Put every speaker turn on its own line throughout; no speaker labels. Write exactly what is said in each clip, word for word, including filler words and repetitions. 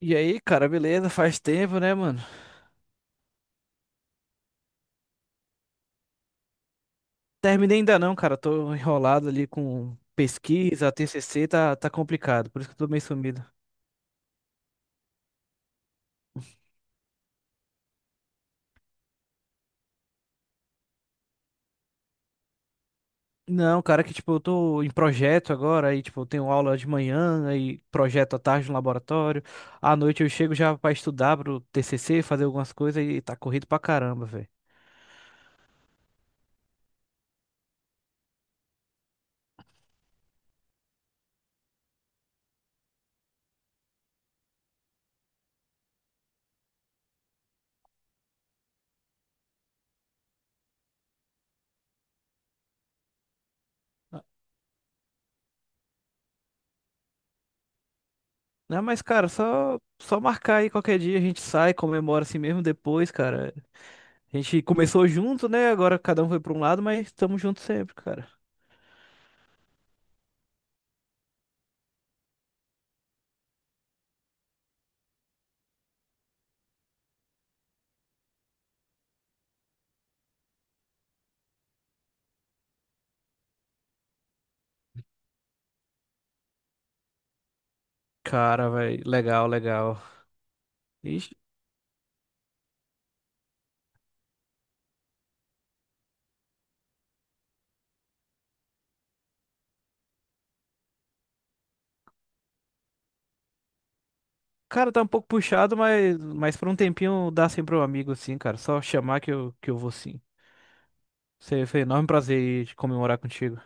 E aí, cara, beleza? Faz tempo, né, mano? Terminei ainda não, cara. Tô enrolado ali com pesquisa, T C C, tá, tá complicado. Por isso que eu tô meio sumido. Não, cara, que tipo, eu tô em projeto agora, aí tipo, eu tenho aula de manhã, aí projeto à tarde no laboratório. À noite eu chego já pra estudar pro T C C, fazer algumas coisas e tá corrido pra caramba, velho. Não, mas, cara, só, só marcar aí qualquer dia, a gente sai, comemora assim mesmo depois, cara. A gente começou junto, né? Agora cada um foi pra um lado, mas estamos juntos sempre, cara. Cara, velho, legal, legal. Ixi, cara, tá um pouco puxado, mas, mas por um tempinho dá sempre um amigo, assim cara. Só chamar que eu, que eu vou sim. Seria- Foi um enorme prazer de comemorar contigo.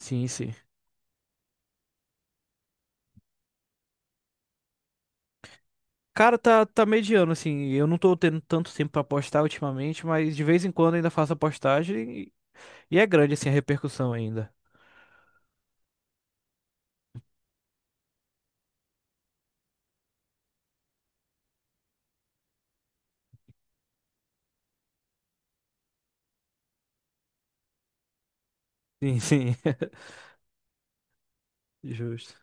Sim, sim. Cara, tá, tá mediano, assim. Eu não tô tendo tanto tempo pra postar ultimamente, mas de vez em quando ainda faço a postagem e, e é grande, assim, a repercussão ainda. Sim, sim. Justo.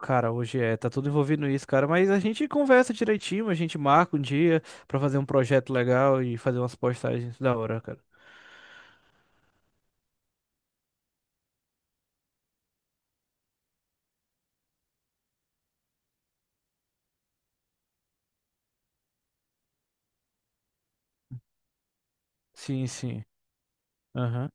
Cara, hoje é, tá tudo envolvido nisso, cara, mas a gente conversa direitinho, a gente marca um dia pra fazer um projeto legal e fazer umas postagens da hora, cara. Sim, sim. Aham.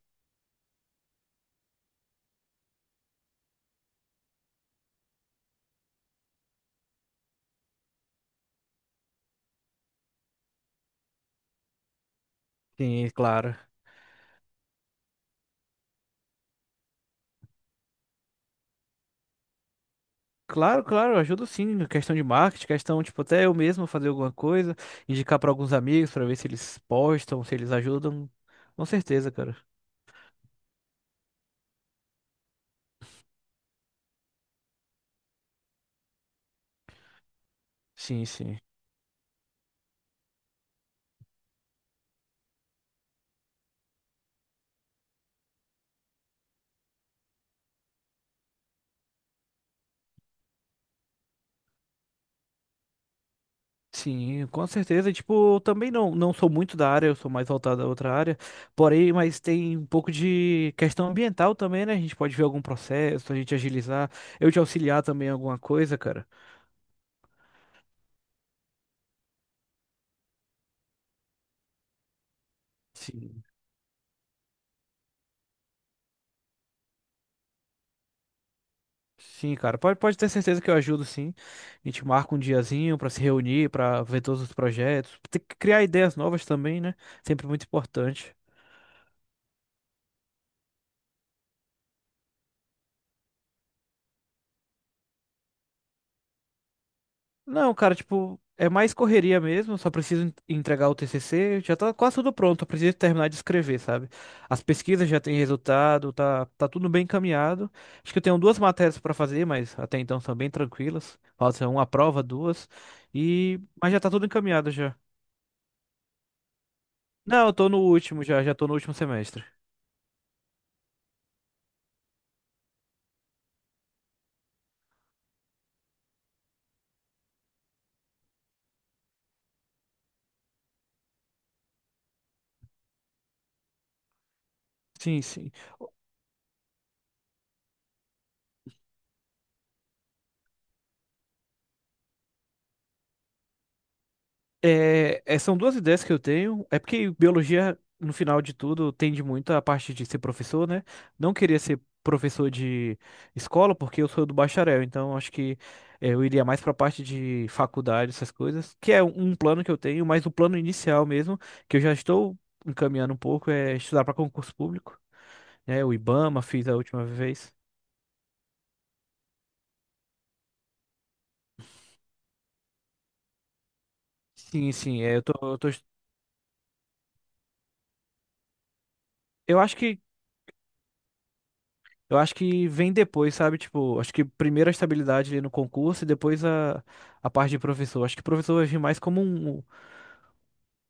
Sim, claro. Claro, claro, eu ajudo sim, questão de marketing, questão, tipo, até eu mesmo fazer alguma coisa, indicar pra alguns amigos pra ver se eles postam, se eles ajudam. Com certeza, cara. Sim, sim. Sim, com certeza. Tipo, eu também não, não sou muito da área, eu sou mais voltado a outra área. Porém, mas tem um pouco de questão ambiental também, né? A gente pode ver algum processo, a gente agilizar, eu te auxiliar também em alguma coisa, cara. Sim. Sim, cara. Pode, pode ter certeza que eu ajudo, sim. A gente marca um diazinho pra se reunir, pra ver todos os projetos. Tem que criar ideias novas também, né? Sempre muito importante. Não, cara, tipo, é mais correria mesmo. Só preciso en- entregar o T C C. Já tá quase tudo pronto. Eu preciso terminar de escrever, sabe? As pesquisas já têm resultado, tá, tá tudo bem encaminhado. Acho que eu tenho duas matérias pra fazer, mas até então são bem tranquilas. Falta uma prova, duas. E... Mas já tá tudo encaminhado já. Não, eu tô no último já, já tô no último semestre. Sim, sim. É, é, são duas ideias que eu tenho. É porque biologia, no final de tudo, tende muito à parte de ser professor, né? Não queria ser professor de escola, porque eu sou do bacharel, então acho que é, eu iria mais para a parte de faculdade, essas coisas, que é um plano que eu tenho, mas o plano inicial mesmo, que eu já estou encaminhando um pouco, é estudar para concurso público, né? O IBAMA, fiz a última vez. Sim, sim, é, eu tô, eu tô, eu acho que Eu acho que vem depois, sabe? Tipo, acho que primeiro a estabilidade ali no concurso e depois a, a parte de professor. Acho que professor vai vir mais como um. um,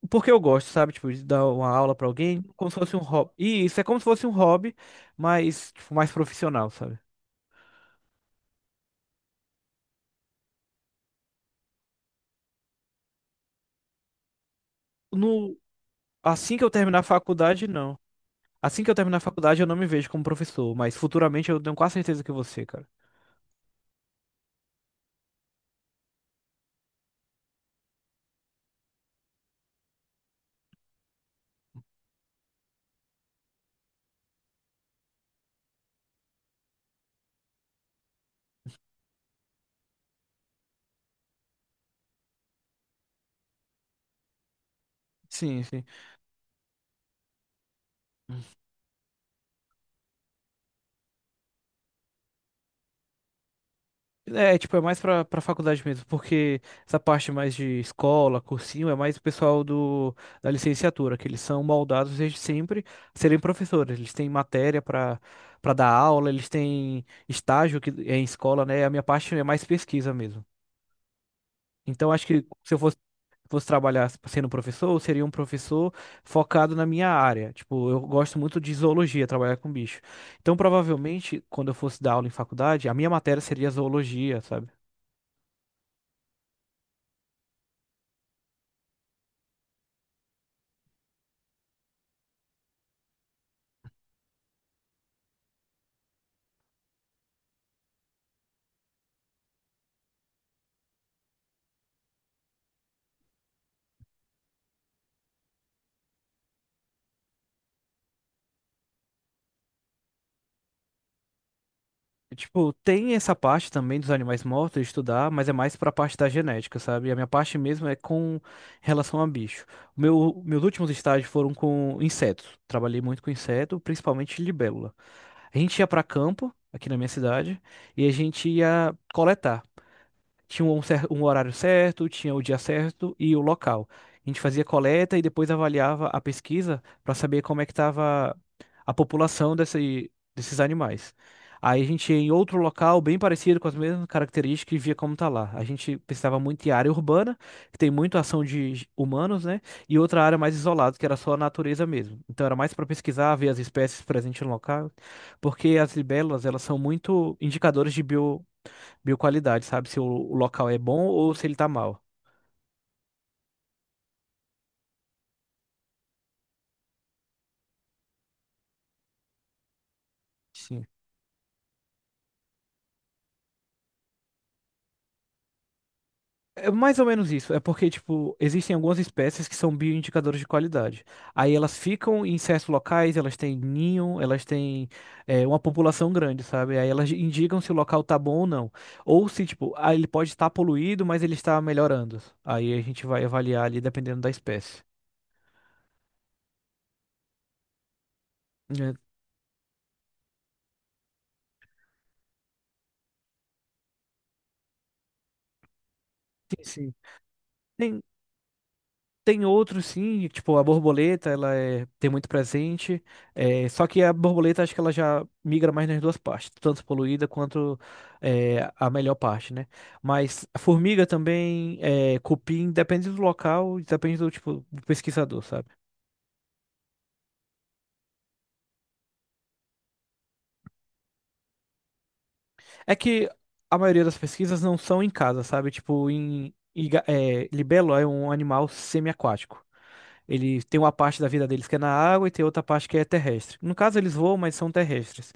Porque eu gosto, sabe? Tipo, de dar uma aula pra alguém, como se fosse um hobby. E isso é como se fosse um hobby, mas, tipo, mais profissional, sabe? No... Assim que eu terminar a faculdade, não. Assim que eu terminar a faculdade, eu não me vejo como professor, mas futuramente eu tenho quase certeza que você, cara. Sim, sim. É, tipo, é mais pra, pra faculdade mesmo, porque essa parte mais de escola, cursinho, é mais o pessoal do, da licenciatura, que eles são moldados desde sempre a serem professores. Eles têm matéria pra, pra dar aula, eles têm estágio que é em escola, né? A minha parte é mais pesquisa mesmo. Então, acho que se eu fosse, fosse trabalhar sendo professor, eu seria um professor focado na minha área. Tipo, eu gosto muito de zoologia, trabalhar com bicho. Então, provavelmente, quando eu fosse dar aula em faculdade, a minha matéria seria zoologia, sabe? Tipo, tem essa parte também dos animais mortos de estudar, mas é mais pra parte da genética, sabe? A minha parte mesmo é com relação a bicho. O meu, meus últimos estágios foram com insetos. Trabalhei muito com inseto, principalmente libélula. A gente ia pra campo, aqui na minha cidade, e a gente ia coletar. Tinha um, cer- um horário certo, tinha o dia certo e o local. A gente fazia coleta e depois avaliava a pesquisa para saber como é que estava a população desse, desses animais. Aí a gente ia em outro local bem parecido com as mesmas características e via como tá lá. A gente pensava muito em área urbana, que tem muita ação de g- humanos, né? E outra área mais isolada, que era só a natureza mesmo. Então era mais para pesquisar, ver as espécies presentes no local, porque as libélulas, elas são muito indicadores de bio bioqualidade, sabe? Se o o local é bom ou se ele tá mal. Sim. É mais ou menos isso. É porque, tipo, existem algumas espécies que são bioindicadores de qualidade. Aí elas ficam em certos locais, elas têm ninho, elas têm é, uma população grande, sabe? Aí elas indicam se o local tá bom ou não. Ou se, tipo, ah, ele pode estar poluído, mas ele está melhorando. Aí a gente vai avaliar ali dependendo da espécie. É. Sim, sim. Tem- Tem outros sim, tipo a borboleta, ela é, tem muito presente. é, só que a borboleta acho que ela já migra mais nas duas partes, tanto poluída quanto é, a melhor parte, né? Mas a formiga também, é, cupim, depende do local, depende do tipo do pesquisador, sabe? É que a maioria das pesquisas não são em casa, sabe? Tipo, em, em ga- é, libelo é um animal semi aquático. Ele tem uma parte da vida deles que é na água e tem outra parte que é terrestre. No caso, eles voam, mas são terrestres.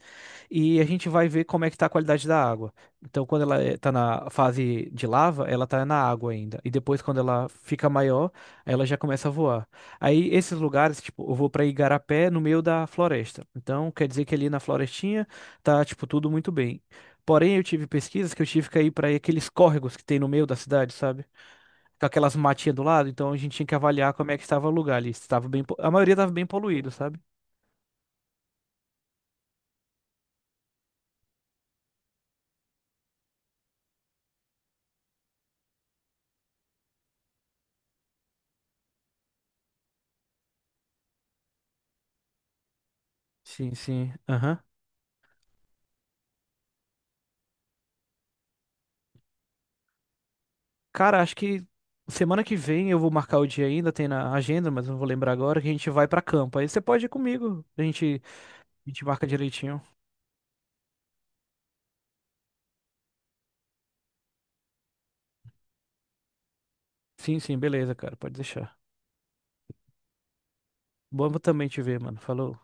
E a gente vai ver como é que está a qualidade da água. Então, quando ela está na fase de lava, ela está na água ainda. E depois, quando ela fica maior, ela já começa a voar. Aí, esses lugares, tipo, eu vou para Igarapé, no meio da floresta. Então, quer dizer que ali na florestinha tá, tipo, tudo muito bem. Porém, eu tive pesquisas que eu tive que ir para aqueles córregos que tem no meio da cidade, sabe? Com aquelas matinhas do lado, então a gente tinha que avaliar como é que estava o lugar ali. Estava bem, po- a maioria estava bem poluído, sabe? Sim, sim. Aham. Cara, acho que semana que vem eu vou marcar o dia ainda, tem na agenda, mas não vou lembrar agora, que a gente vai pra campo. Aí você pode ir comigo. A gente, a gente marca direitinho. Sim, sim, beleza, cara. Pode deixar. Bom também te ver, mano. Falou.